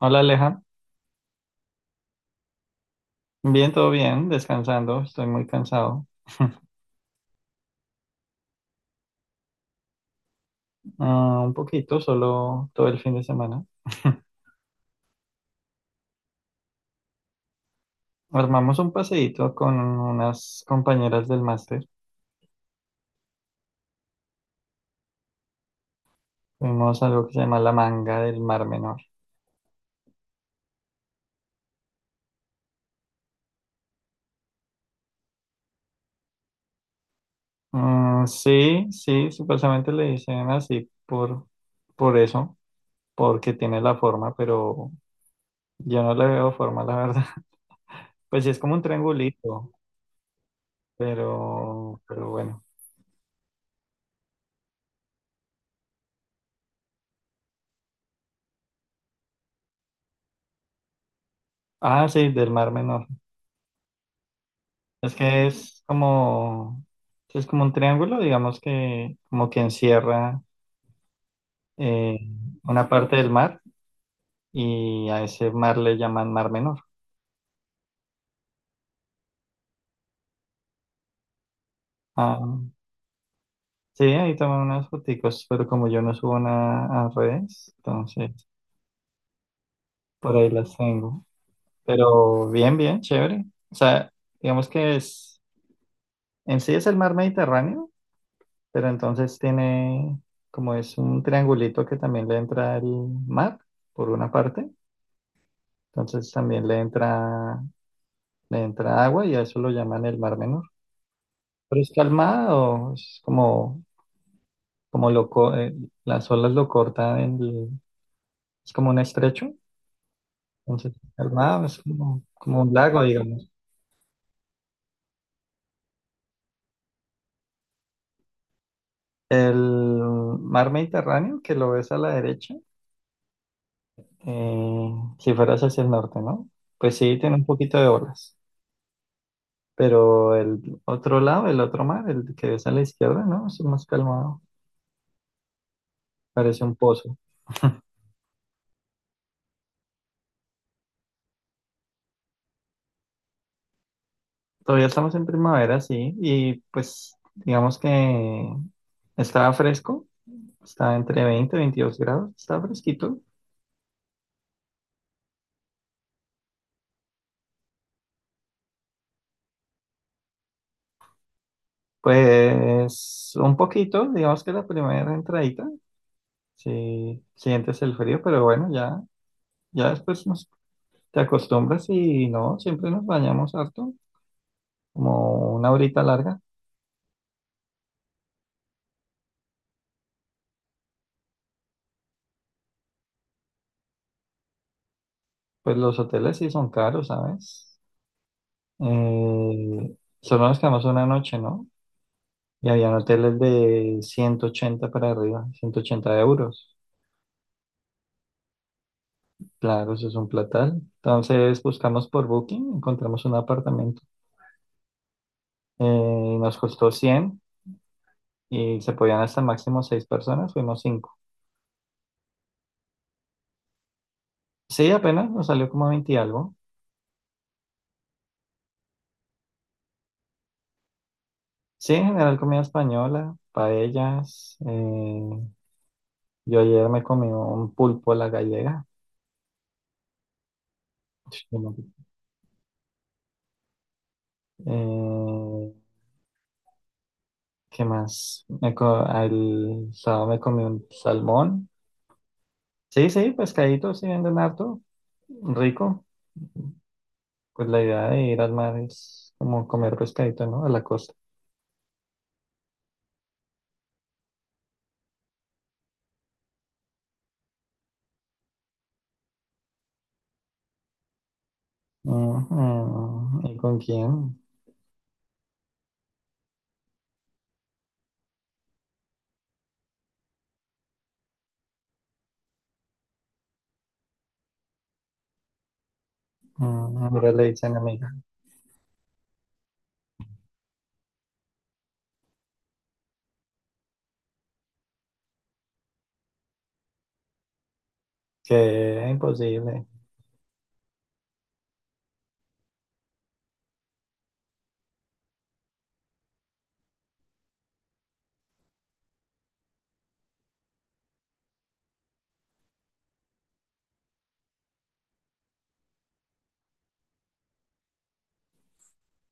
Hola Aleja, bien, todo bien, descansando, estoy muy cansado. Ah, un poquito, solo todo el fin de semana. Armamos un paseíto con unas compañeras del máster, fuimos a algo que se llama la Manga del Mar Menor. Mm, sí, sí, supuestamente le dicen así por eso, porque tiene la forma, pero yo no le veo forma, la verdad. Pues sí, es como un triangulito, pero bueno. Ah, sí, del Mar Menor. Es que es como un triángulo, digamos que como que encierra eh, una parte del mar y a ese mar le llaman Mar Menor. Ah, sí, ahí toman unas foticos, pero como yo no subo nada a redes, entonces por ahí las tengo. Pero bien, bien, chévere. O sea, digamos que es, en sí es el Mar Mediterráneo, pero entonces tiene, como es un triangulito que también le entra el mar por una parte. Entonces también le entra agua y a eso lo llaman el Mar Menor. Pero es calmado, es como, como lo, co- eh, las olas lo cortan, es como un estrecho, entonces es calmado, es como, como un lago, digamos. El Mar Mediterráneo, que lo ves a la derecha, eh, si fueras hacia el norte, ¿no? Pues sí, tiene un poquito de olas, pero el otro lado, el otro mar, el que ves a la izquierda, ¿no? Es más calmado, parece un pozo. Todavía estamos en primavera, sí, y pues digamos que estaba fresco, estaba entre 20 y 22 grados, estaba fresquito. Pues un poquito, digamos que la primera entradita, sí sientes el frío, pero bueno, ya después te acostumbras y no, siempre nos bañamos harto, como una horita larga. Pues los hoteles sí son caros, ¿sabes? Eh, Solo nos quedamos una noche, ¿no? Y habían hoteles de 180 para arriba, 180 euros. Claro, eso es un platal. Entonces buscamos por Booking, encontramos un apartamento. Nos costó 100 y se podían hasta máximo 6 personas, fuimos cinco. Sí, apenas nos salió como veinte y algo. Sí, en general comida española, paellas. Yo ayer me comí un pulpo a la gallega. Eh, ¿Qué más? El sábado me comí un salmón. Sí, sí, pescaditos, sí venden harto, rico. Pues la idea de ir al mar es como comer pescadito, ¿no? A la costa. Ujú. ¿Y con quién? Ujú. Ahora le dicen amiga. Que imposible.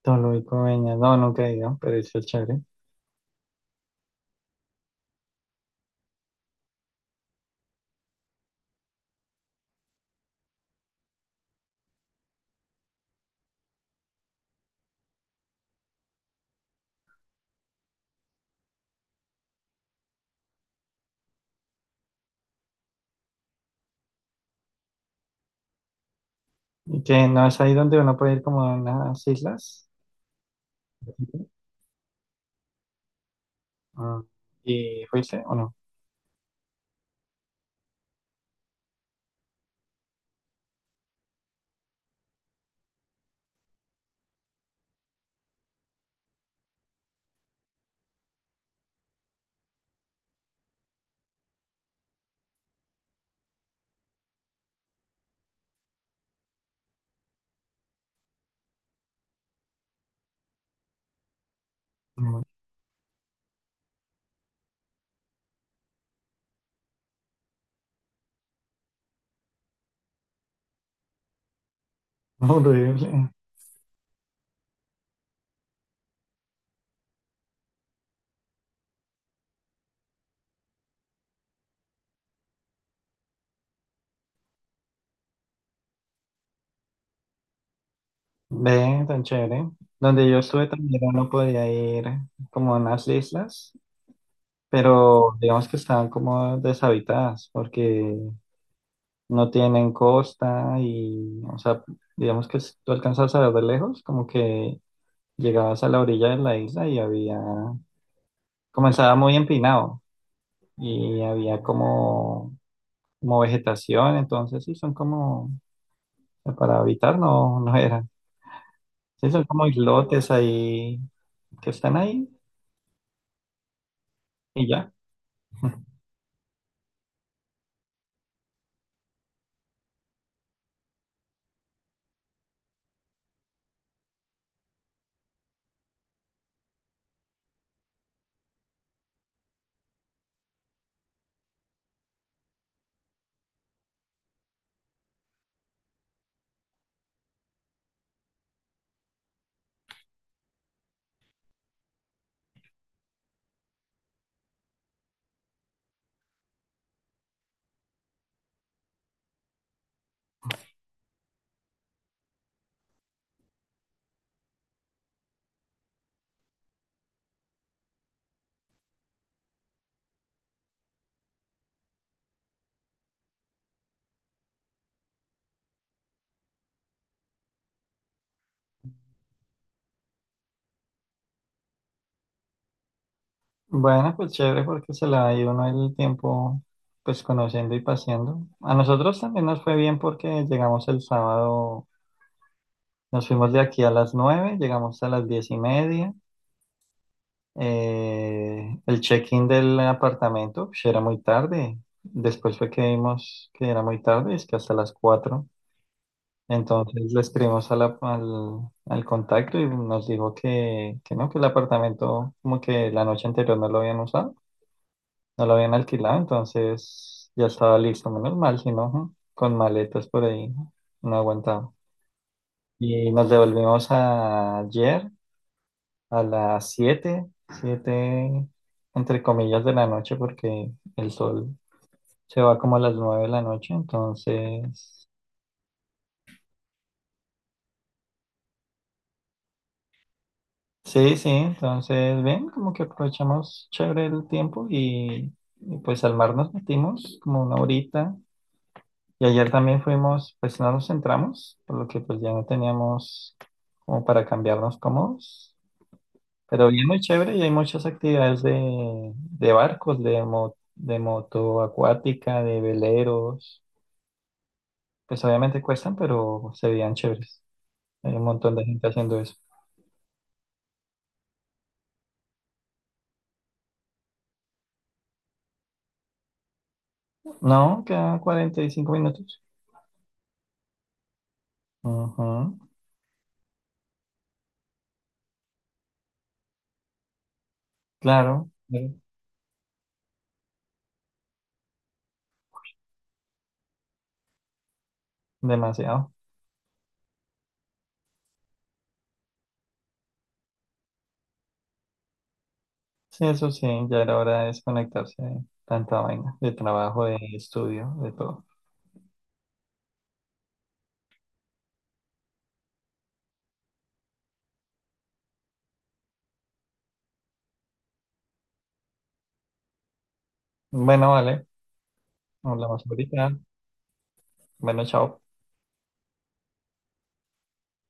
Toluico, Peña. No, nunca he ido, pero eso es chévere. Y que no es ahí donde uno puede ir como a unas islas. Ah, ¿y fuiste o no? No. Horrible. Ve, tan chévere. Donde yo estuve también uno podía ir como a unas islas, pero digamos que están como deshabitadas porque no tienen costa y, o sea, digamos que si tú alcanzas a ver de lejos, como que llegabas a la orilla de la isla y comenzaba muy empinado y había como vegetación, entonces sí, son como, para habitar no, no eran, sí, son como islotes ahí que están ahí y ya. Bueno, pues chévere porque se la dio uno el tiempo pues conociendo y paseando. A nosotros también nos fue bien porque llegamos el sábado, nos fuimos de aquí a las 9, llegamos a las 10:30. El check-in del apartamento pues, era muy tarde. Después fue que vimos que era muy tarde, es que hasta las 4. Entonces le escribimos a al contacto y nos dijo que no, que el apartamento como que la noche anterior no lo habían usado, no lo habían alquilado, entonces ya estaba listo, menos mal, si no, ujú, con maletas por ahí, no aguantaba. Y nos devolvimos ayer a las 7, 7 entre comillas de la noche, porque el sol se va como a las 9 de la noche, entonces sí, sí, entonces, bien, como que aprovechamos chévere el tiempo y pues al mar nos metimos como una horita. Y ayer también fuimos, pues no nos entramos por lo que pues ya no teníamos como para cambiarnos cómodos. Pero bien, muy chévere y hay muchas actividades de barcos, de moto acuática, de veleros. Pues obviamente cuestan, pero se veían chéveres. Hay un montón de gente haciendo eso. No, quedan 45 minutos. Ujú. Claro, demasiado. Sí, eso sí, ya era hora de desconectarse de tanta vaina, de trabajo, de estudio, de todo. Bueno, vale. Hablamos ahorita. Bueno, chao.